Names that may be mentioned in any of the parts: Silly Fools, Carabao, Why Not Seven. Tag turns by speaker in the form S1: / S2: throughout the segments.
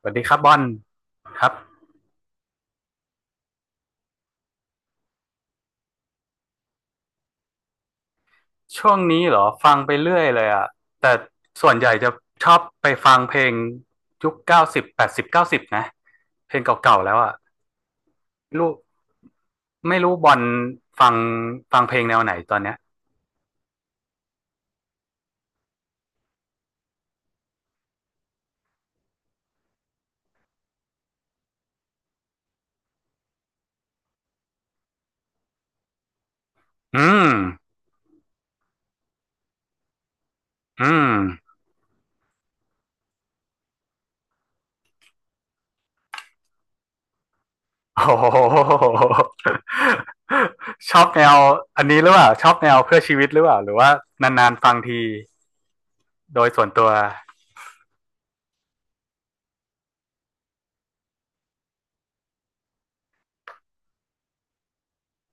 S1: สวัสดีครับบอลครับช่วงนี้เหรอฟังไปเรื่อยเลยอ่ะแต่ส่วนใหญ่จะชอบไปฟังเพลงยุค 90 80 90นะเพลงเก่าๆแล้วอ่ะลูกไม่รู้บอลฟังฟังเพลงแนวไหนตอนเนี้ยอืมอืมโอ้โหชอบแนวอันนี้หรือเปล่าชอบแนวเพื่อชีวิตหรือเปล่าหรือว่านานๆฟังทีโดยส่วนตัว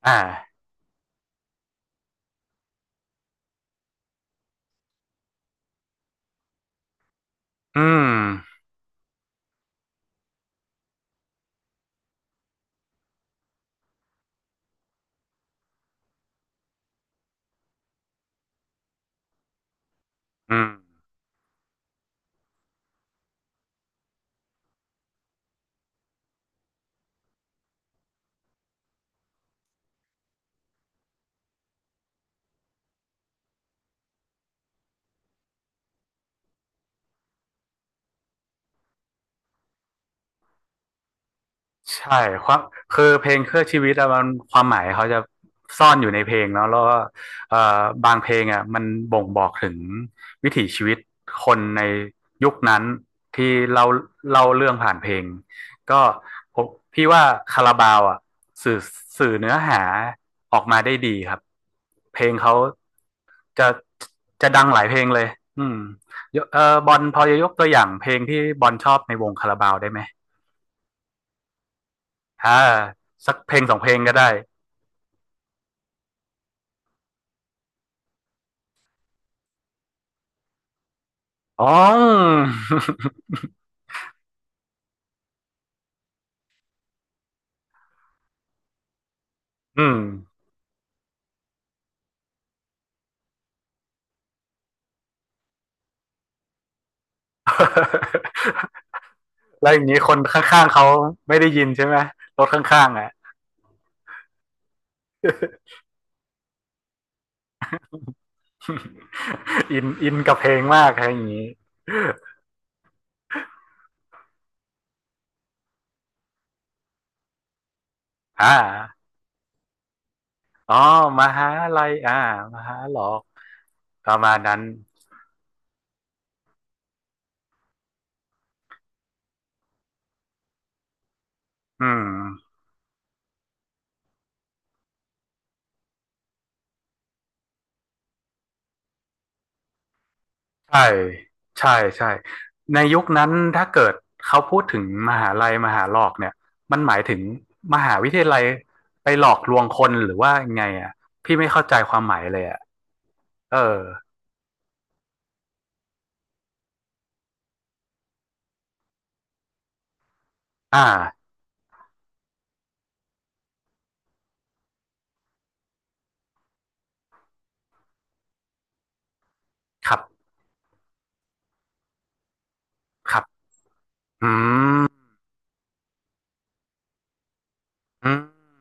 S1: อ่าอืมอืม ใช่ความคือเพลงเครื่องชีวิตอะมันความหมายเขาจะซ่อนอยู่ในเพลงเนาะแล้วก็บางเพลงอะมันบ่งบอกถึงวิถีชีวิตคนในยุคนั้นที่เราเล่าเรื่องผ่านเพลงก็ผมพี่ว่าคาราบาวอะสื่อสื่อเนื้อหาออกมาได้ดีครับเพลงเขาจะจะดังหลายเพลงเลยอืมยกบอลพอจะยกตัวอย่างเพลงที่บอลชอบในวงคาราบาวได้ไหม อ่าสักเพลงสองเพลงก็ได้ อ๋ออืม แล้วอย่างนี้คนข้างๆเขาไม่ได้ยินใช่ไหมรถข้างๆอ่ะ อินอินกับเพลงมากอะไรอย่างนี้อ่าอ๋อมหาลัยอ่ามหาหลอกประมาณนั้นอืม ใช่ใช่ใช่ในยุคนั้นถ้าเกิดเขาพูดถึงมหาลัยมหาหลอกเนี่ยมันหมายถึงมหาวิทยาลัยไปหลอกลวงคนหรือว่าไงอ่ะพี่ไม่เข้าใจความหมายเลยอ่ะเอออ่าครับครับอืมอืม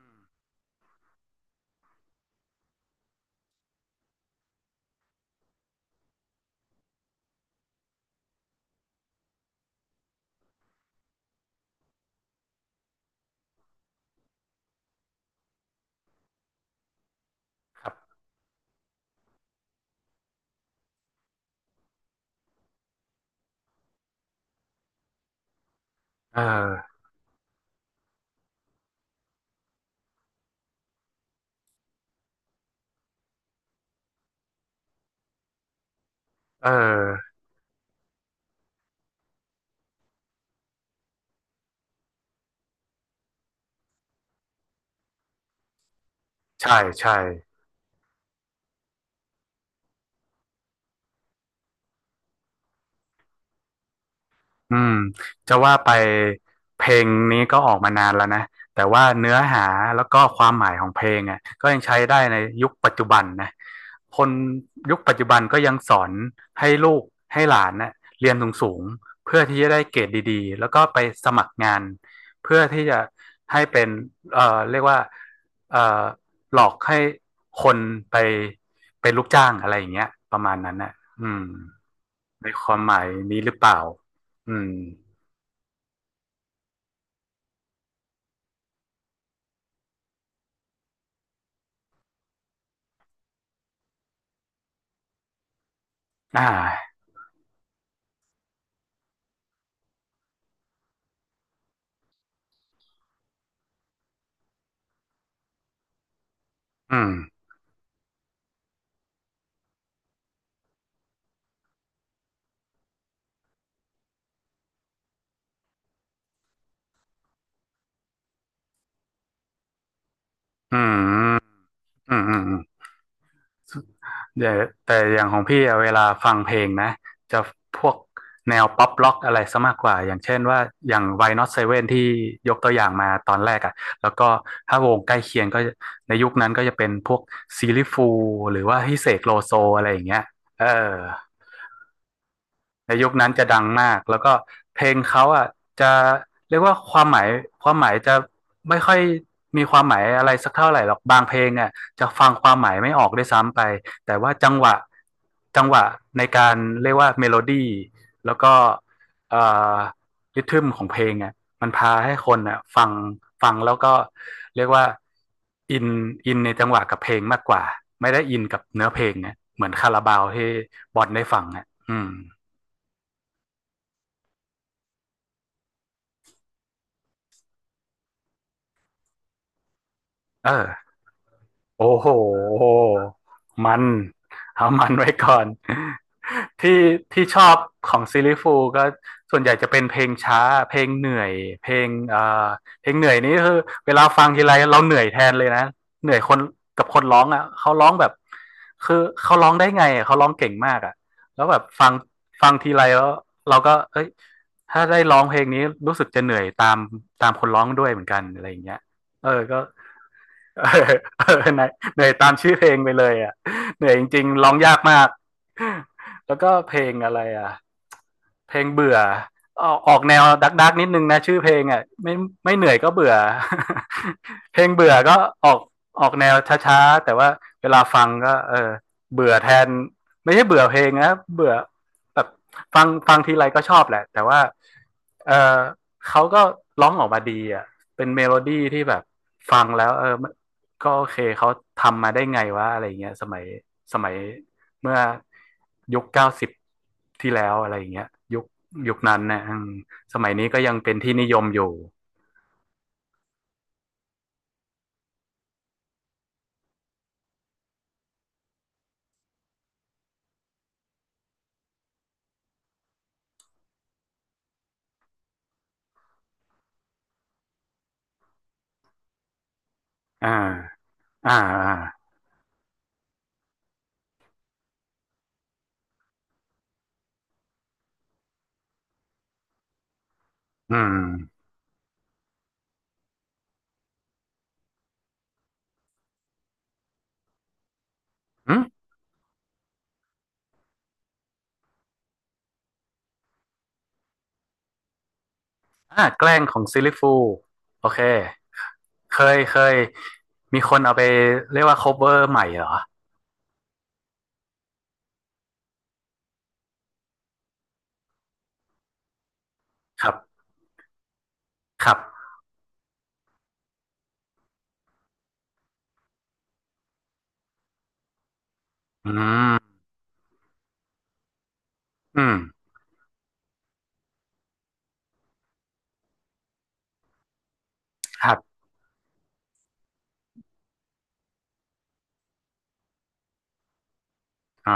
S1: ครับเออเออใช่ใช่ อืมจะว่าไปเพลงนี้ก็ออกมานานแล้วนะแต่ว่าเนื้อหาแล้วก็ความหมายของเพลงอ่ะก็ยังใช้ได้ในยุคปัจจุบันนะคนยุคปัจจุบันก็ยังสอนให้ลูกให้หลานน่ะเรียนสูงๆเพื่อที่จะได้เกรดดีๆแล้วก็ไปสมัครงานเพื่อที่จะให้เป็นเรียกว่าเอ่อหลอกให้คนไปเป็นลูกจ้างอะไรอย่างเงี้ยประมาณนั้นน่ะอืมในความหมายนี้หรือเปล่าอืม อ่าอืมอืมอืมอืมอืมเดี๋ยวแต่อย่างของพี่อะเวลาฟังเพลงนะจะพวกแนวป๊อปล็อกอะไรซะมากกว่าอย่างเช่นว่าอย่าง Why Not Seven ที่ยกตัวอย่างมาตอนแรกอ่ะแล้วก็ถ้าวงใกล้เคียงก็ในยุคนั้นก็จะเป็นพวกซีลิฟูหรือว่าฮิเสกโลโซอะไรอย่างเงี้ยเออ ในยุคนั้นจะดังมากแล้วก็เพลงเขาอ่ะจะเรียกว่าความหมายความหมายจะไม่ค่อยมีความหมายอะไรสักเท่าไหร่หรอกบางเพลงอ่ะจะฟังความหมายไม่ออกด้วยซ้ำไปแต่ว่าจังหวะจังหวะในการเรียกว่าเมโลดี้แล้วก็เอ่อริทึมของเพลงอ่ะมันพาให้คนอ่ะฟังฟังแล้วก็เรียกว่าอินอินในจังหวะกับเพลงมากกว่าไม่ได้อินกับเนื้อเพลงนะเหมือนคาราบาวที่บอนได้ฟังอ่ะอืม เออโอ้โหมันเอามันไว้ก่อน ที่ที่ชอบของซิลลี่ฟูลส์ก็ส่วนใหญ่จะเป็นเพลงช้าเพลงเหนื่อยเพลงเพลงเหนื่อยนี่คือเวลาฟังทีไรเราเหนื่อยแทนเลยนะเหนื่อยคนกับคนร้องอ่ะเขาร้องแบบคือเขาร้องได้ไงอะเขาร้องเก่งมากอ่ะแล้วแบบฟังฟังทีไรแล้วเราก็เอ้ยถ้าได้ร้องเพลงนี้รู้สึกจะเหนื่อยตามตามคนร้องด้วยเหมือนกันอะไรอย่างเงี้ยเออก็ เหนื่อยเหนื่อยตามชื่อเพลงไปเลยอ่ะเหนื่อยจริงๆร้องยากมากแล้วก็เพลงอะไรอ่ะ เพลงเบื่อออกแนวดักดักนิดนึงนะชื่อเพลงอ่ะไม่ไม่เหนื่อยก็เบื่อ เพลงเบื่อก็ออกออกแนวช้าๆแต่ว่าเวลาฟังก็เออเบื่อแทนไม่ใช่เบื่อเพลงนะเบื่อแบบฟังฟังทีไรก็ชอบแหละแต่ว่าเออเขาก็ร้องออกมาดีอ่ะเป็นเมโลดี้ที่แบบฟังแล้วเออก็โอเคเขาทำมาได้ไงวะอะไรเงี้ยสมัย เมื่อยุค 90ที่แล้วอะไรอย่างเงี้ยยุคยุคนั้นเนี่ยสมัยนี้ก็ยังเป็นที่นิยมอยู่อ่าอ่าอ่าอืมอืมอ่าแกล้งของซิลลิฟูโอเคเคยเคยมีคนเอาไปเรียกว่า cover ใหม่เหรอครับครับอืมอืมครับอ่า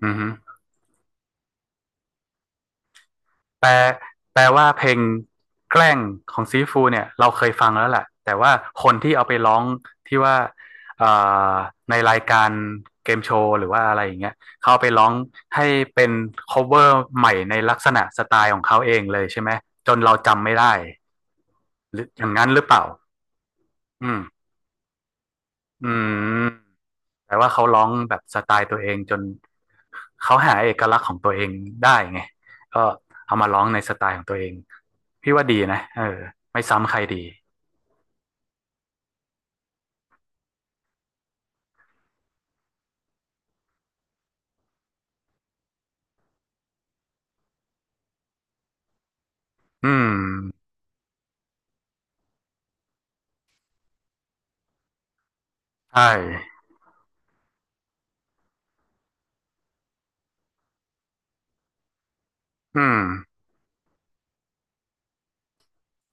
S1: อืม แปลแปลว่าเพลงแกล้งของซีฟูเนี่ยเราเคยฟังแล้วแหละแต่ว่าคนที่เอาไปร้องที่ว่าในรายการเกมโชว์หรือว่าอะไรอย่างเงี้ยเขาเอาไปร้องให้เป็นคฟเวอร์ใหม่ในลักษณะสไตล์ของเขาเองเลยใช่ไหมจนเราจำไม่ได้หรืออย่างนั้นหรือเปล่าอืมอืม แต่ว่าเขาร้องแบบสไตล์ตัวเองจนเขาหาเอกลักษณ์ของตัวเองได้ไงก็เอามาร้องในสไตล์ของตัวเองพี่ว่าดีนะเออไม่ซ้ำใครดีอืมใช่อืม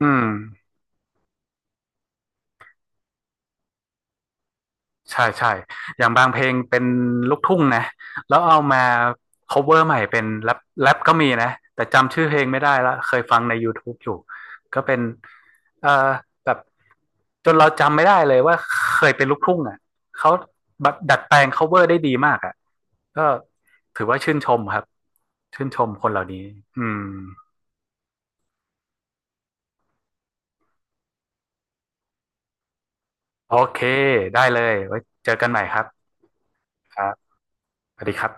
S1: อืม ใช่ใช่ อย่างบางเพลงเป็นลูกทุ่งนะแล้วเอามา cover ใหม่เป็นแรปแรปก็มีนะแต่จำชื่อเพลงไม่ได้ละเคยฟังใน YouTube อยู่ ก็เป็นเอ่อแบบจนเราจำไม่ได้เลยว่าเคยเป็นลูกทุ่งอ่ะเขาแบบดัดแปลง cover ได้ดีมากอ่ะก็ถือว่าชื่นชมครับ ชื่นชมคนเหล่านี้อืมโอเคได้เลยไว้เจอกันใหม่ครับครับสวัสดีครับ